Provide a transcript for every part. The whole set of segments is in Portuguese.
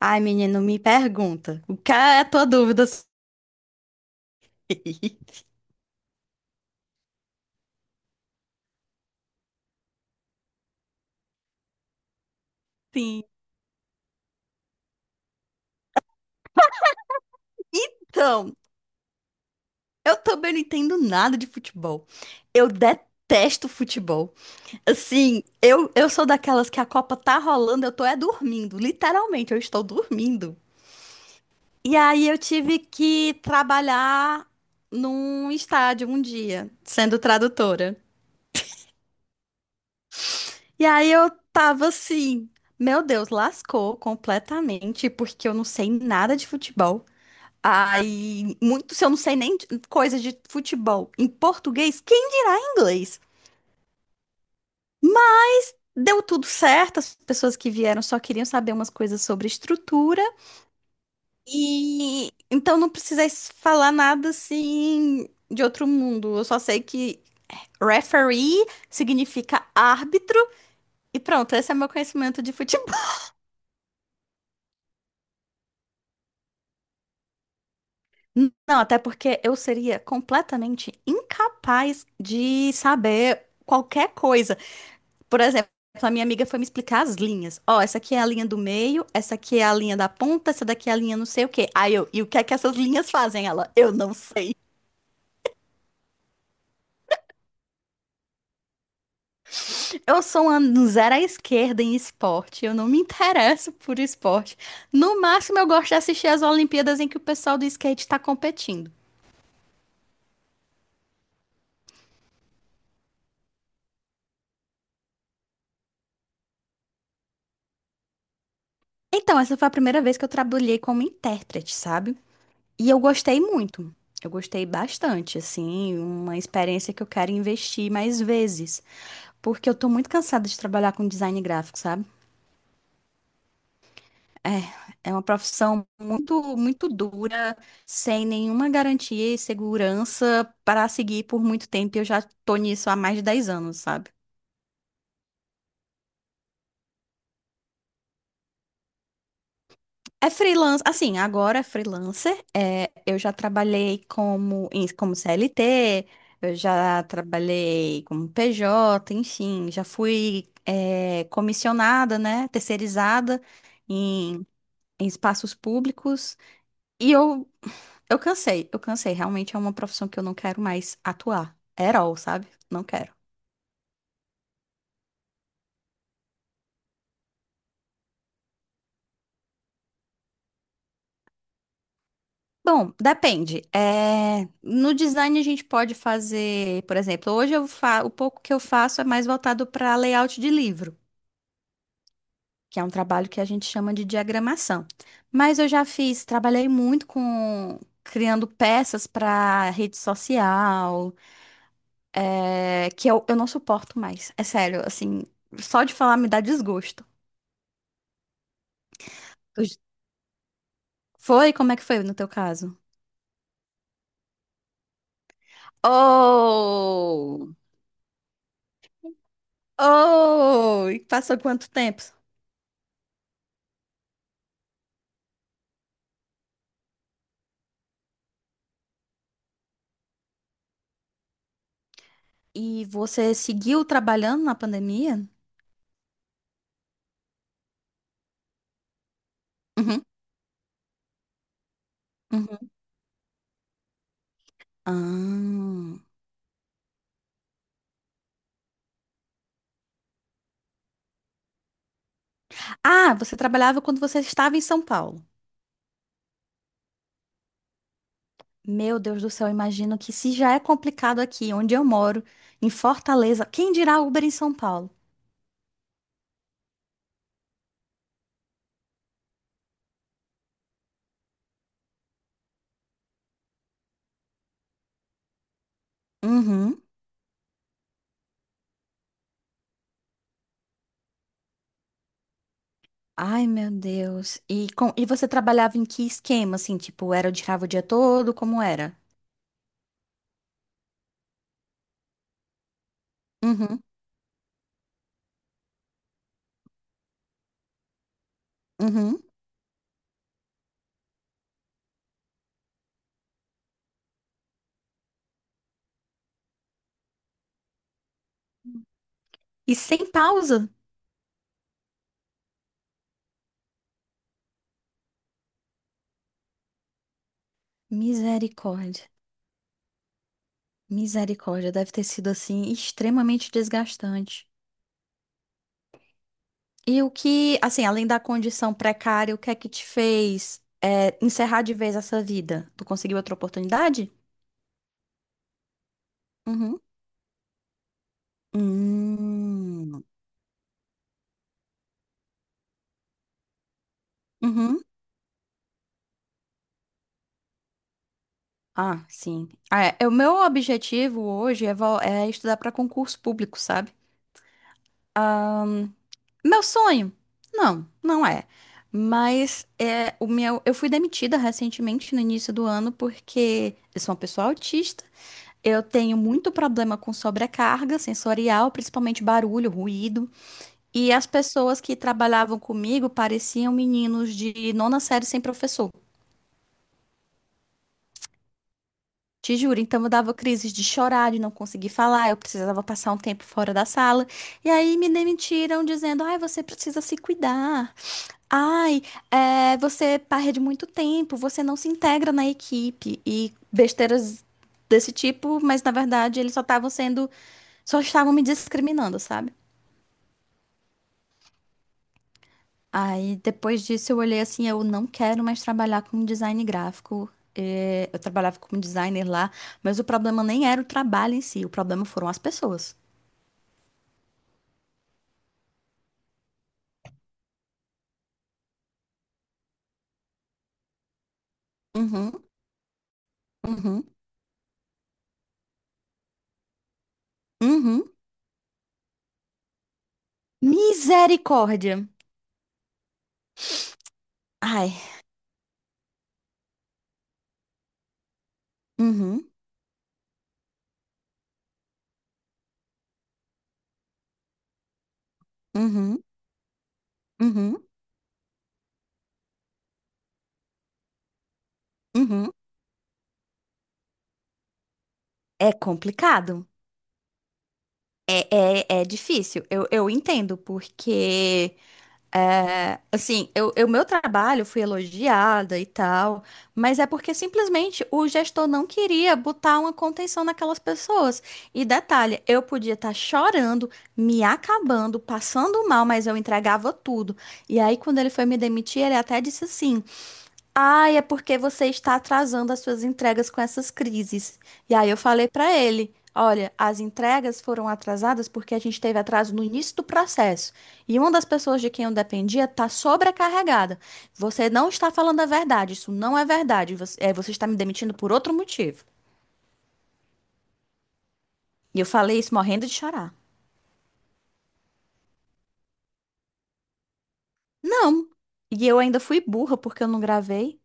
Ai, menino, me pergunta. O que é a tua dúvida? Sim. Então, eu também não entendo nada de futebol. Eu detesto futebol. Assim, eu sou daquelas que a Copa tá rolando, eu tô é dormindo. Literalmente, eu estou dormindo. E aí eu tive que trabalhar num estádio um dia, sendo tradutora. E aí eu tava assim, meu Deus, lascou completamente, porque eu não sei nada de futebol. Aí, muito, se eu não sei nem coisa de futebol em português, quem dirá em inglês? Mas deu tudo certo, as pessoas que vieram só queriam saber umas coisas sobre estrutura, e então não precisei falar nada assim de outro mundo. Eu só sei que referee significa árbitro, e pronto, esse é meu conhecimento de futebol. Não, até porque eu seria completamente incapaz de saber qualquer coisa. Por exemplo, a minha amiga foi me explicar as linhas. Ó, essa aqui é a linha do meio, essa aqui é a linha da ponta, essa daqui é a linha não sei o quê. Aí eu, e o que é que essas linhas fazem? Ela, eu não sei. Eu sou uma zero à esquerda em esporte, eu não me interesso por esporte. No máximo, eu gosto de assistir as Olimpíadas em que o pessoal do skate tá competindo. Então, essa foi a primeira vez que eu trabalhei como intérprete, sabe? E eu gostei muito. Eu gostei bastante, assim, uma experiência que eu quero investir mais vezes. Porque eu tô muito cansada de trabalhar com design gráfico, sabe? É, é uma profissão muito, muito dura, sem nenhuma garantia e segurança para seguir por muito tempo. Eu já tô nisso há mais de dez anos, sabe? É freelance, assim, agora é freelancer. É, eu já trabalhei como, como CLT, eu já trabalhei como PJ, enfim, já fui, é, comissionada, né? Terceirizada em, em espaços públicos. E eu Eu cansei, eu cansei. Realmente é uma profissão que eu não quero mais atuar. At all, sabe? Não quero. Bom, depende. É, no design a gente pode fazer, por exemplo, hoje eu o pouco que eu faço é mais voltado para layout de livro, que é um trabalho que a gente chama de diagramação. Mas eu já fiz, trabalhei muito com criando peças para rede social, é, que eu não suporto mais. É sério, assim, só de falar me dá desgosto. Eu- Foi? Como é que foi no teu caso? Oh! Oh! E passou quanto tempo? E você seguiu trabalhando na pandemia? Uhum, uhum. Ah. Ah, você trabalhava quando você estava em São Paulo. Meu Deus do céu, eu imagino que se já é complicado aqui, onde eu moro, em Fortaleza, quem dirá Uber em São Paulo? Uhum. Ai, meu Deus. E, e você trabalhava em que esquema, assim? Tipo, era o tirava o dia todo? Como era? Uhum, uhum. E sem pausa? Misericórdia. Misericórdia, deve ter sido assim extremamente desgastante. E o que, assim, além da condição precária, o que é que te fez é, encerrar de vez essa vida? Tu conseguiu outra oportunidade? Uhum. Hum. Uhum. Ah, sim. Ah, é, é o meu objetivo hoje é, é estudar para concurso público, sabe? Meu sonho? Não, não é. Mas é o meu, eu fui demitida recentemente no início do ano porque eu sou uma pessoa autista. Eu tenho muito problema com sobrecarga sensorial, principalmente barulho, ruído. E as pessoas que trabalhavam comigo pareciam meninos de nona série sem professor. Te juro, então eu dava crises de chorar, de não conseguir falar, eu precisava passar um tempo fora da sala. E aí me demitiram dizendo: ai, você precisa se cuidar. Ai, é, você perde muito tempo, você não se integra na equipe. E besteiras desse tipo, mas na verdade eles só estavam me discriminando, sabe? Aí depois disso eu olhei assim, eu não quero mais trabalhar com design gráfico. É, eu trabalhava como designer lá, mas o problema nem era o trabalho em si, o problema foram as pessoas. Uhum, uhum, uhum. Misericórdia. Ai, uhum, uhum, uhum, uhum. É complicado. É, é difícil. Eu entendo, porque é, assim, meu trabalho fui elogiada e tal, mas é porque simplesmente o gestor não queria botar uma contenção naquelas pessoas. E detalhe, eu podia estar chorando, me acabando, passando mal, mas eu entregava tudo. E aí, quando ele foi me demitir, ele até disse assim. Ai, é porque você está atrasando as suas entregas com essas crises. E aí eu falei para ele, olha, as entregas foram atrasadas porque a gente teve atraso no início do processo. E uma das pessoas de quem eu dependia está sobrecarregada. Você não está falando a verdade, isso não é verdade. Você, é, você está me demitindo por outro motivo. E eu falei isso morrendo de chorar. Não. E eu ainda fui burra porque eu não gravei.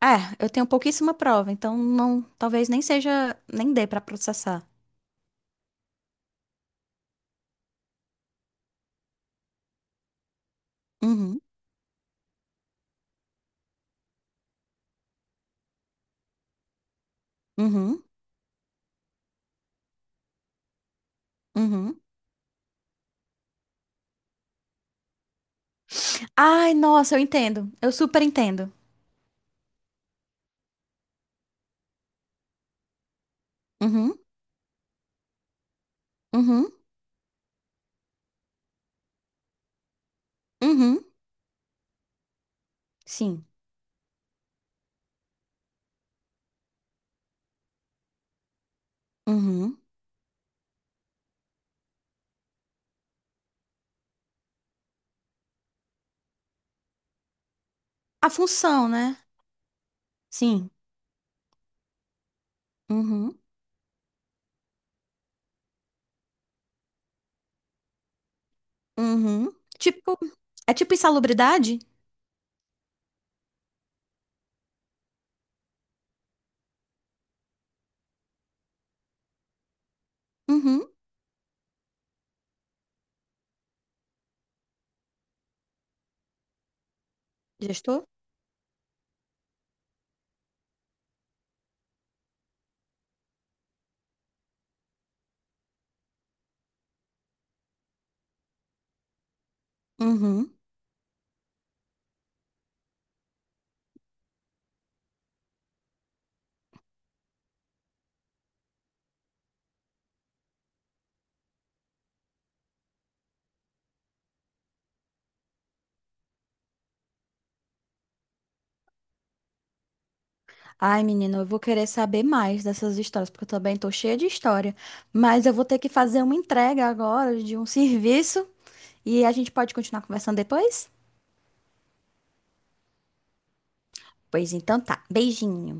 É, eu tenho pouquíssima prova, então não, talvez nem seja, nem dê para processar. Uhum. Uhum. Uhum. Ai, nossa, eu entendo. Eu super entendo. Uhum, uhum, uhum. Sim. Uhum. A função, né? Sim. Uhum, uhum. Tipo, é tipo insalubridade? Uhum. Gestor? Uhum. Ai, menina, eu vou querer saber mais dessas histórias, porque eu também tô cheia de história. Mas eu vou ter que fazer uma entrega agora de um serviço e a gente pode continuar conversando depois? Pois então tá. Beijinho.